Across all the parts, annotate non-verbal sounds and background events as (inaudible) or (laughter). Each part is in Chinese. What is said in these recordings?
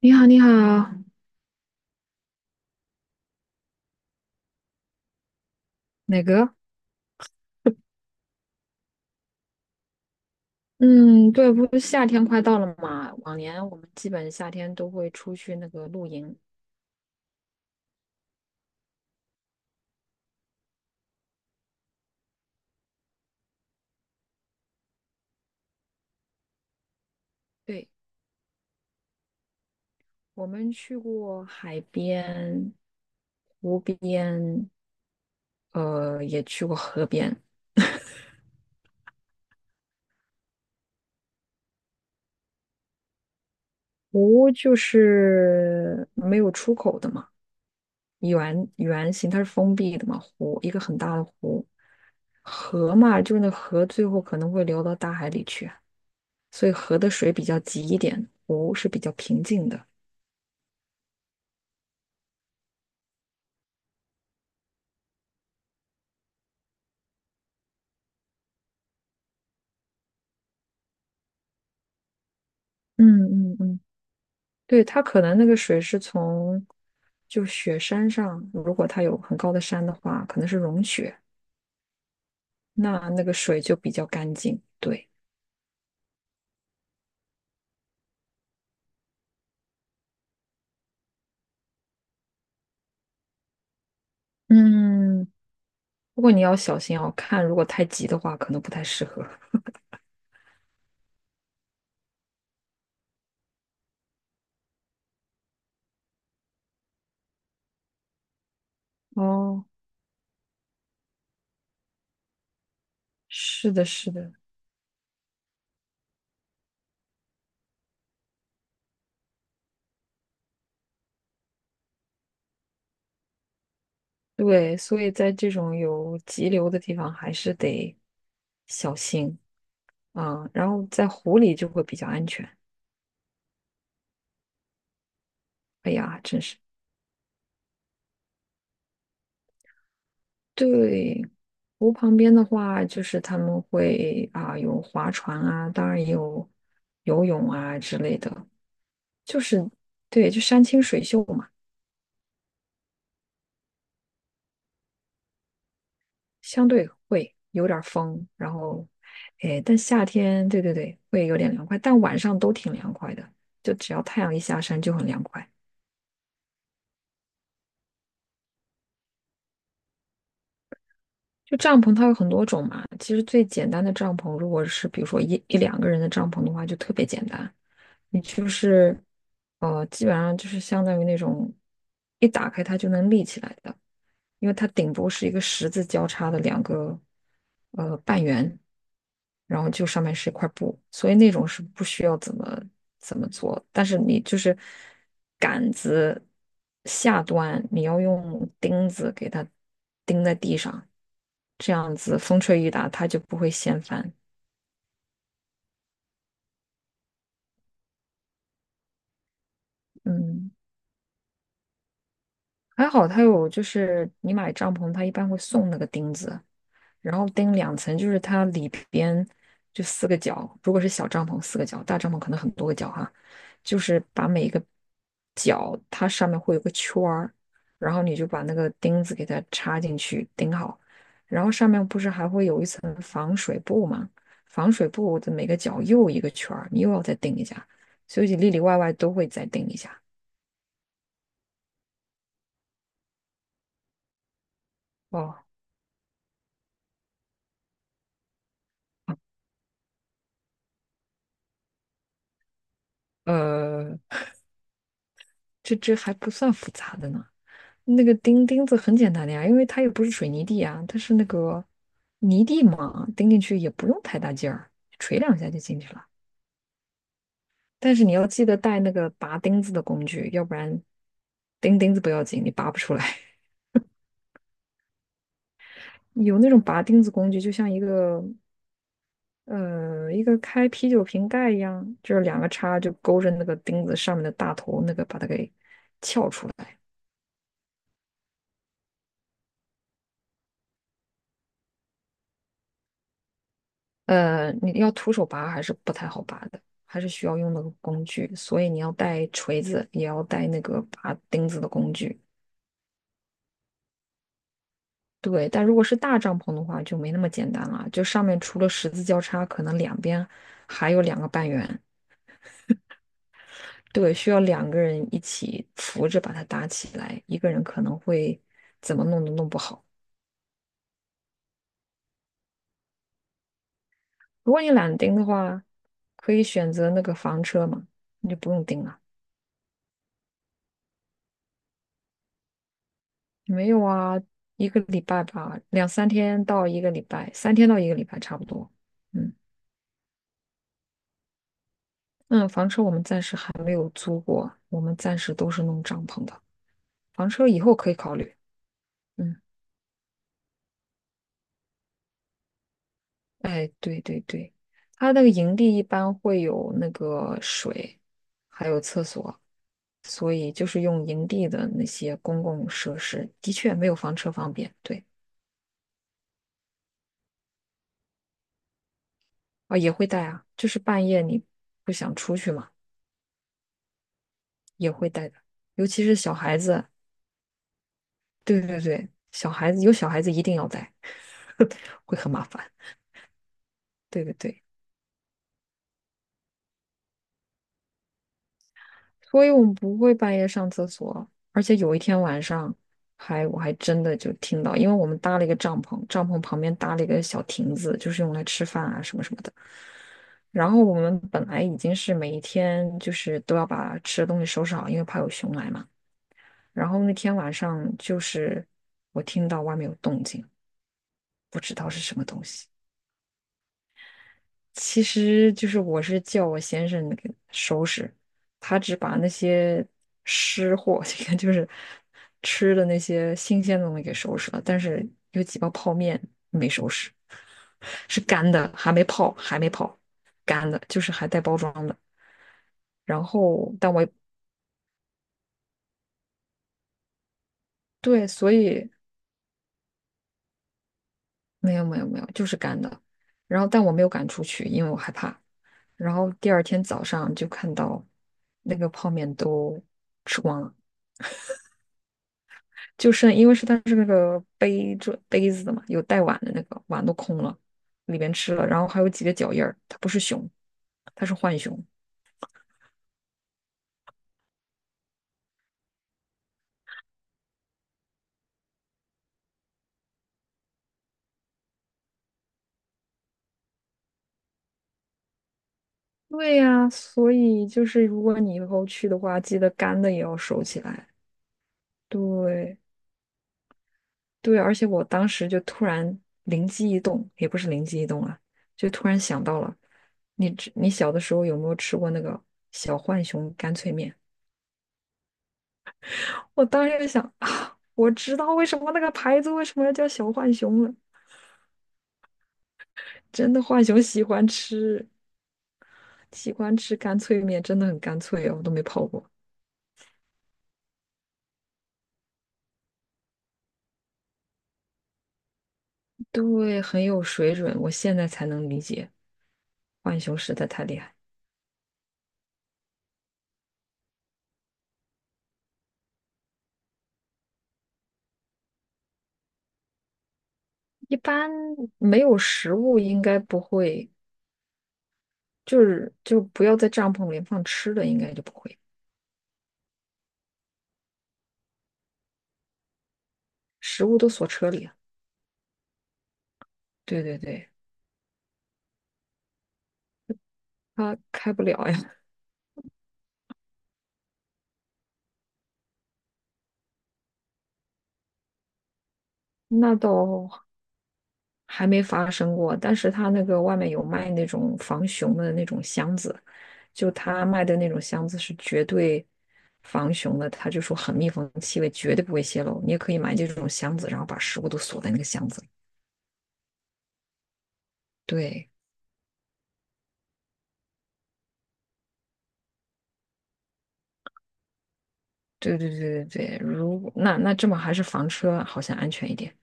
你好，你好。哪个？嗯，对，不是夏天快到了嘛？往年我们基本夏天都会出去那个露营。对，我们去过海边、湖边，也去过河边。湖就是没有出口的嘛，圆圆形，它是封闭的嘛，湖一个很大的湖。河嘛，就是那河最后可能会流到大海里去啊，所以河的水比较急一点，湖是比较平静的。嗯嗯嗯，对，它可能那个水是从就雪山上，如果它有很高的山的话，可能是融雪，那那个水就比较干净。对，嗯，不过你要小心哦，看如果太急的话，可能不太适合。(laughs) 哦，是的，是的，对，所以在这种有急流的地方，还是得小心啊，然后在湖里就会比较安全。哎呀，真是。对，湖旁边的话，就是他们会啊、有划船啊，当然也有游泳啊之类的，就是对，就山清水秀嘛，相对会有点儿风，然后哎，但夏天对对对会有点凉快，但晚上都挺凉快的，就只要太阳一下山就很凉快。就帐篷它有很多种嘛，其实最简单的帐篷，如果是比如说一两个人的帐篷的话，就特别简单。你就是，基本上就是相当于那种一打开它就能立起来的，因为它顶部是一个十字交叉的两个半圆，然后就上面是一块布，所以那种是不需要怎么做，但是你就是杆子下端你要用钉子给它钉在地上，这样子风吹雨打它就不会掀翻。嗯。还好它有，就是你买帐篷，它一般会送那个钉子，然后钉两层，就是它里边就四个角，如果是小帐篷四个角，大帐篷可能很多个角哈，就是把每一个角它上面会有个圈儿，然后你就把那个钉子给它插进去钉好，然后上面不是还会有一层防水布吗？防水布的每个角又一个圈儿，你又要再钉一下，所以里里外外都会再钉一下。哦，呃，这还不算复杂的呢。那个钉钉子很简单的呀，因为它又不是水泥地啊，它是那个泥地嘛，钉进去也不用太大劲儿，锤两下就进去了。但是你要记得带那个拔钉子的工具，要不然钉钉子不要紧，你拔不出来。(laughs) 有那种拔钉子工具，就像一个一个开啤酒瓶盖一样，就是两个叉就勾着那个钉子上面的大头，那个把它给撬出来。你要徒手拔还是不太好拔的，还是需要用那个工具，所以你要带锤子，也要带那个拔钉子的工具。对，但如果是大帐篷的话，就没那么简单了，就上面除了十字交叉，可能两边还有两个半圆。对，需要两个人一起扶着把它搭起来，一个人可能会怎么弄都弄不好。如果你懒得钉的话，可以选择那个房车嘛，你就不用钉了。没有啊，一个礼拜吧，两三天到一个礼拜，三天到一个礼拜差不多。嗯嗯，房车我们暂时还没有租过，我们暂时都是弄帐篷的。房车以后可以考虑。嗯，哎，对对对，它那个营地一般会有那个水，还有厕所，所以就是用营地的那些公共设施，的确没有房车方便。对啊，也会带啊，就是半夜你不想出去嘛，也会带的。尤其是小孩子，对对对，小孩子有小孩子一定要带，(laughs) 会很麻烦。对对对，所以我们不会半夜上厕所，而且有一天晚上我还真的就听到，因为我们搭了一个帐篷，帐篷旁边搭了一个小亭子，就是用来吃饭啊什么什么的。然后我们本来已经是每一天就是都要把吃的东西收拾好，因为怕有熊来嘛。然后那天晚上就是我听到外面有动静，不知道是什么东西。其实就是我是叫我先生那个收拾，他只把那些湿货，(laughs) 这个就是吃的那些新鲜的东西给收拾了，但是有几包泡面没收拾，(laughs) 是干的，还没泡，还没泡，干的，就是还带包装的。然后，但我对，所以没有没有没有，就是干的。然后，但我没有赶出去，因为我害怕。然后第二天早上就看到那个泡面都吃光了。就是因为是它是那个杯子的嘛，有带碗的那个碗都空了，里边吃了，然后还有几个脚印儿，它不是熊，它是浣熊。对呀，所以就是如果你以后去的话，记得干的也要收起来。对对，而且我当时就突然灵机一动，也不是灵机一动啊，就突然想到了，你小的时候有没有吃过那个小浣熊干脆面？我当时就想，啊我知道为什么那个牌子为什么要叫小浣熊了。真的浣熊喜欢吃，喜欢吃干脆面，真的很干脆哦，我都没泡过。对，很有水准，我现在才能理解，浣熊实在太厉害。一般没有食物应该不会，就是就不要在帐篷里放吃的，应该就不会，食物都锁车里啊，对对对，它开不了呀，那倒还没发生过，但是它那个外面有卖那种防熊的那种箱子。就他卖的那种箱子是绝对防熊的，他就说很密封，气味绝对不会泄露。你也可以买这种箱子，然后把食物都锁在那个箱子里。对，对对对对对，如果那这么还是房车好像安全一点。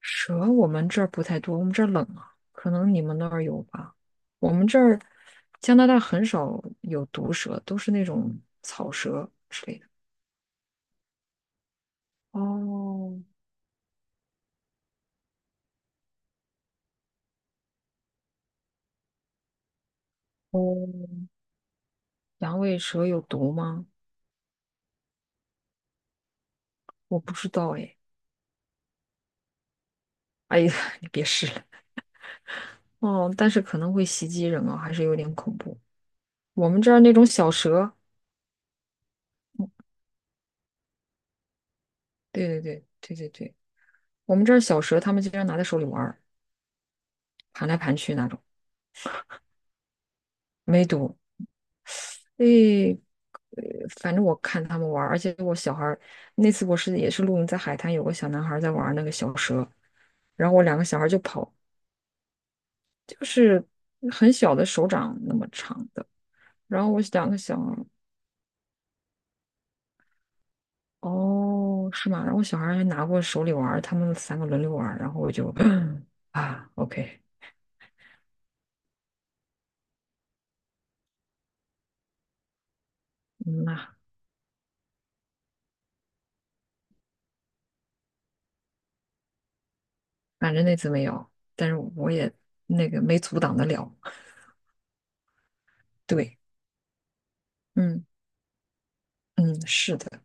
蛇我们这儿不太多，我们这儿冷啊，可能你们那儿有吧。我们这儿加拿大很少有毒蛇，都是那种草蛇之类的。哦哦，阳痿蛇有毒吗？我不知道哎。哎呀，(laughs) 你别试了哦，但是可能会袭击人啊，还是有点恐怖。我们这儿那种小蛇，对对对对对对，我们这儿小蛇，他们经常拿在手里玩儿，盘来盘去那种，没毒。诶，反正我看他们玩儿，而且我小孩儿那次我是也是露营在海滩，有个小男孩儿在玩儿那个小蛇，然后我两个小孩儿就跑，就是很小的手掌那么长的，然后我两个小哦，是吗？然后小孩还拿过手里玩儿他们三个轮流玩儿然后我就 (clears throat) 啊，OK，嗯呐，反正那次没有，但是我也那个没阻挡得了。对，嗯嗯，是的。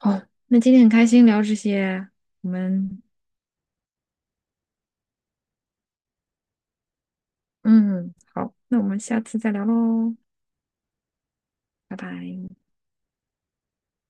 哦，那今天很开心聊这些，我们嗯好，那我们下次再聊喽，拜拜。